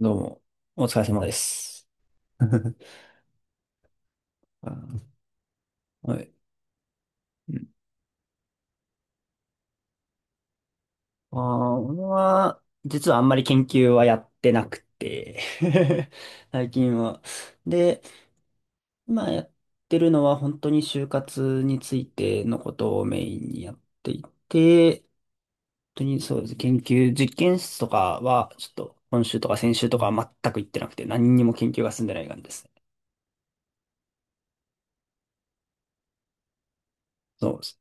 どうも、お疲れ様です。あー、はい。うんあ俺は、実はあんまり研究はやってなくて 最近は。で、今やってるのは本当に就活についてのことをメインにやっていて、本当にそうです。研究、実験室とかは、ちょっと今週とか先週とかは全く行ってなくて、何にも研究が進んでない感じですね。そうです。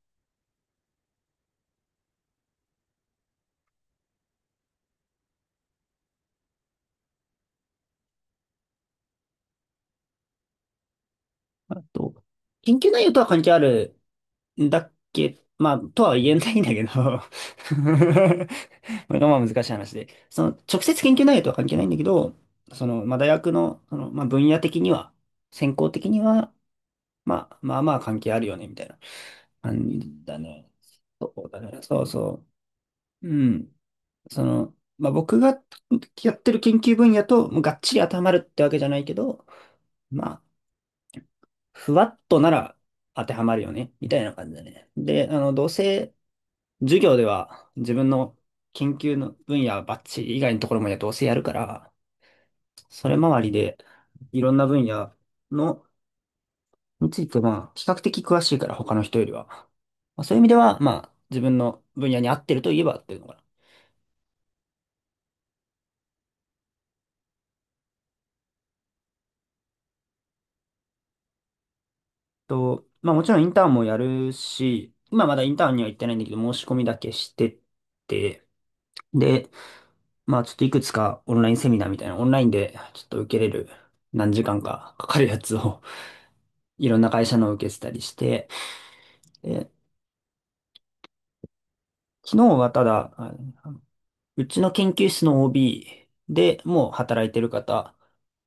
あと、研究内容とは関係あるだっけ、まあ、とは言えないんだけど これがまあ難しい話で、その直接研究内容とは関係ないんだけど、まあ、大学の、まあ、分野的には、専攻的には、まあ、まあまあ関係あるよね、みたいな感じだね。そうだね。そうそう。うん。まあ、僕がやってる研究分野と、もうがっちり当てはまるってわけじゃないけど、まあ、ふわっとなら当てはまるよね、みたいな感じだね。で、どうせ、授業では自分の研究の分野バッチリ以外のところもやどうせやるから、それ周りでいろんな分野のについてまあ比較的詳しいから他の人よりは。まあ、そういう意味ではまあ自分の分野に合ってるといえば合ってるのかな。まあもちろんインターンもやるし、今まだインターンには行ってないんだけど申し込みだけしてて、で、まあちょっといくつかオンラインセミナーみたいなオンラインでちょっと受けれる何時間かかかるやつをいろんな会社のを受けてたりして、で、昨日はただ、のうちの研究室の OB でもう働いてる方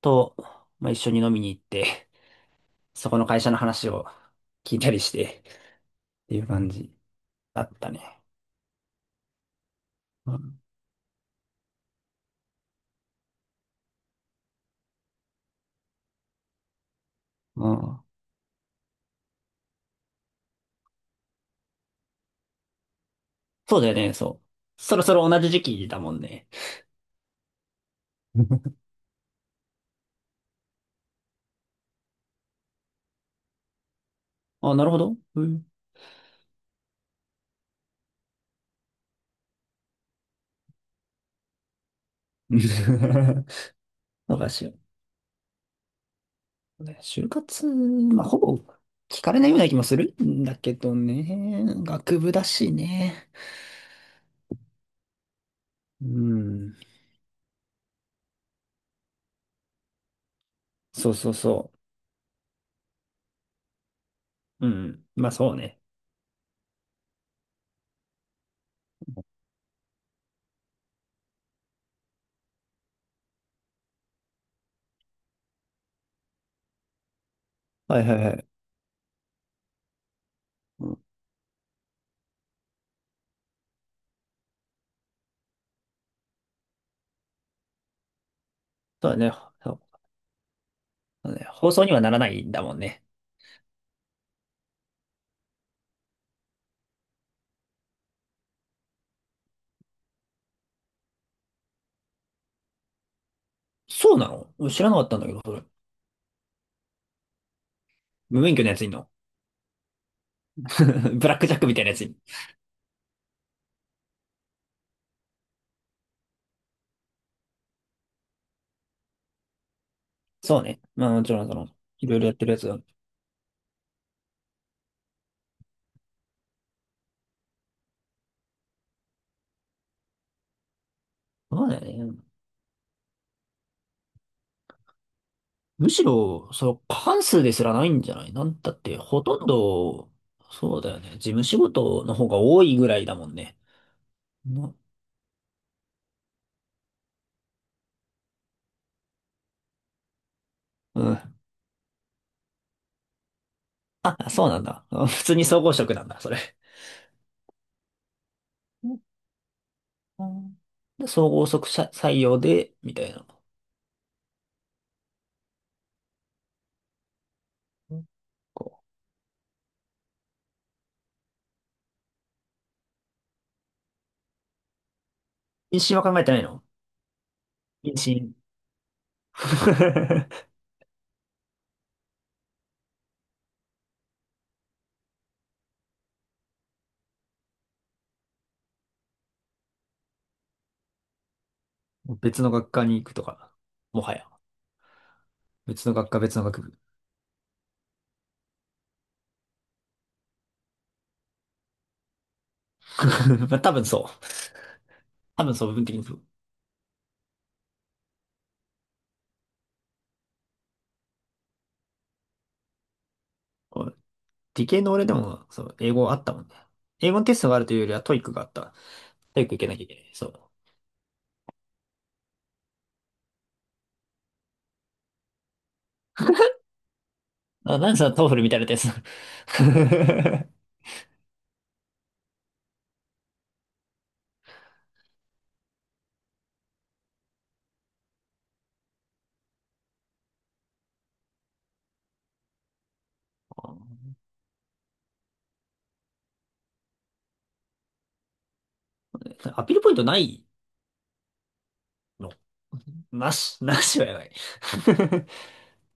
と、まあ、一緒に飲みに行って、そこの会社の話を聞いたりしてっていう感じだったね。うん、うん。そうだよね、そう。そろそろ同じ時期だもんね。あ、なるほど。うん。そうかしら。就活、まあ、ほぼ聞かれないような気もするんだけどね。学部だしね。うん。そうそうそう。うん。まあそうね。はいはいはい。うん、そうだね。そうそうだね。放送にはならないんだもんね。そうなの、俺知らなかったんだけど、それ。無免許のやついんの？ ブラックジャックみたいなやついん、そうね。まあもちろん、その、いろいろやってるやつが。そうだよね。むしろ、その、過半数ですらないんじゃないなんだって、ほとんど、そうだよね。事務仕事の方が多いぐらいだもんね。な、うん。あ、そうなんだ。あ、普通に総合職なんだ、それ。で総合職者採用で、みたいな。こう。妊娠は考えてないの？妊娠。別の学科に行くとか、もはや。別の学科、別の学部。まあ多分そう。多分そう、部分的にそう。こう、理系の俺でも、そう、英語あったもんね。英語のテストがあるというよりはトイックがあった。トイック受けなきゃいけない。そう。あ、なんさ、トーフルみたいなテスト。アピールポイントないの？なし、なしはやばい。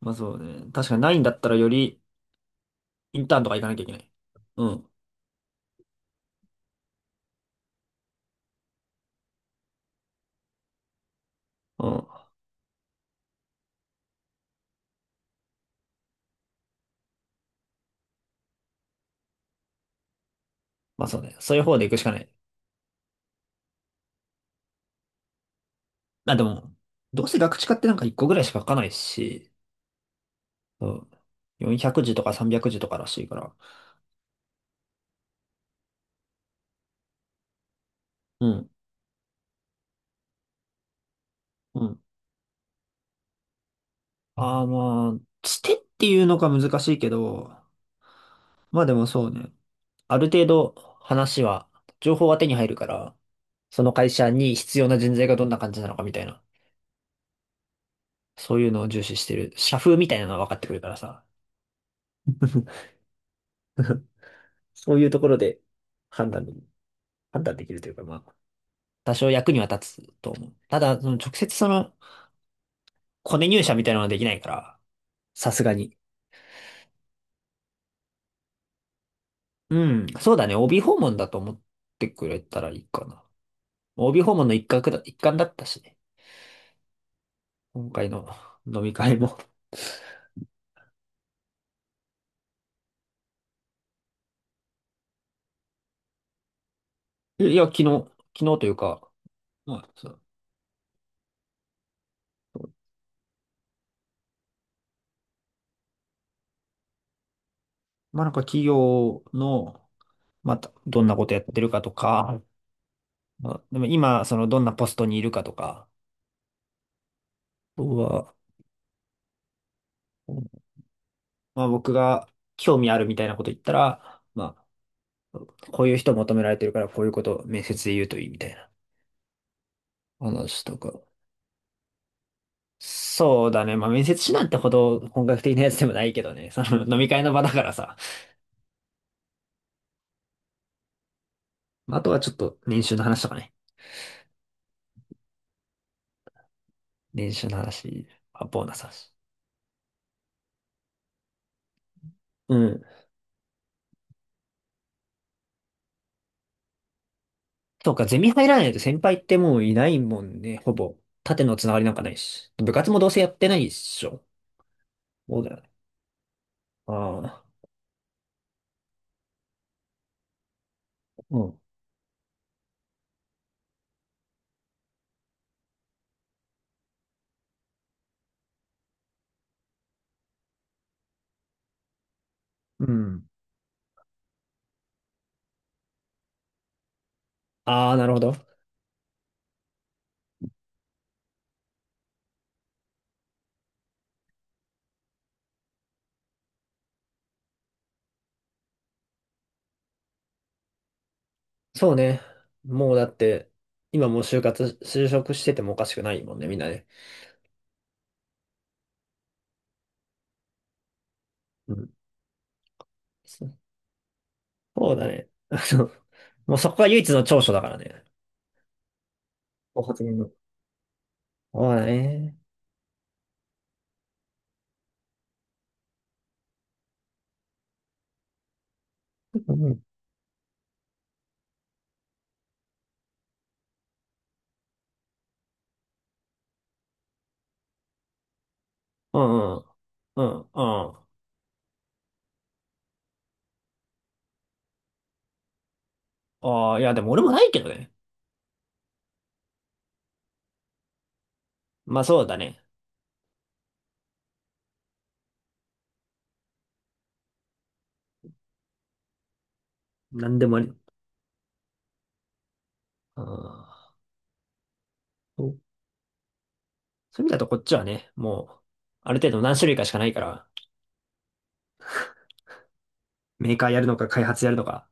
まあそうね。確かにないんだったらよりインターンとか行かなきゃいけない。うん。うん。まあそうね。そういう方で行くしかない。あ、でも、どうせ学知化ってなんか1個ぐらいしか書かないし、そう、400字とか300字とからしいから。うん、うん。ああ、まあ、つてっていうのが難しいけど、まあでもそうね。ある程度話は、情報は手に入るから、その会社に必要な人材がどんな感じなのかみたいな、そういうのを重視してる。社風みたいなのは分かってくるからさ。そういうところで判断で、判断できるというか、まあ、多少役には立つと思う。ただ、その直接そのコネ入社みたいなのはできないから。さすがに。うん、そうだね。帯訪問だと思ってくれたらいいかな。帯訪問の一角だ、一環だったしね。今回の飲み会も。いや、昨日、昨日というか、まあ、そう。まあ、なんか企業の、また、どんなことやってるかとか、まあ、でも今、その、どんなポストにいるかとか、僕は、僕が興味あるみたいなこと言ったら、まあ、こういう人求められてるから、こういうことを面接で言うといいみたいな話とか。そうだね。まあ、面接指南ってほど本格的なやつでもないけどね。その飲み会の場だからさ。まあ、あとはちょっと年収の話とかね。年収の話、あ、ボーナス話。うん。そうか、ゼミ入らないと先輩ってもういないもんね。ほぼ。縦のつながりなんかないし。部活もどうせやってないっしょ。そうだよね。ああ。うん。うん。ああ、なるほど。そうね。もうだって、今もう就活、就職しててもおかしくないもんね、みんなね。うん。そうだね。あの、もうそこが唯一の長所だからね。お発言の。そうだね。うん。うん、うん、うん、うん。ああ、いや、でも俺もないけどね。まあそうだね。なんでもあり。ああ、そう、そういう意味だとこっちはね、もう、ある程度何種類かしかないから、メーカーやるのか開発やるのか。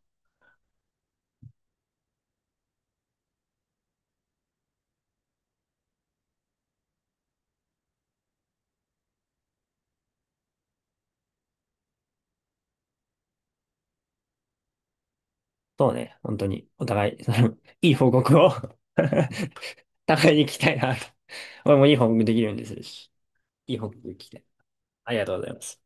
そうね、本当に、お互い、そのいい報告を 互いに聞きたいなと。俺もいい報告できるようにするし、いい報告聞きたい。ありがとうございます。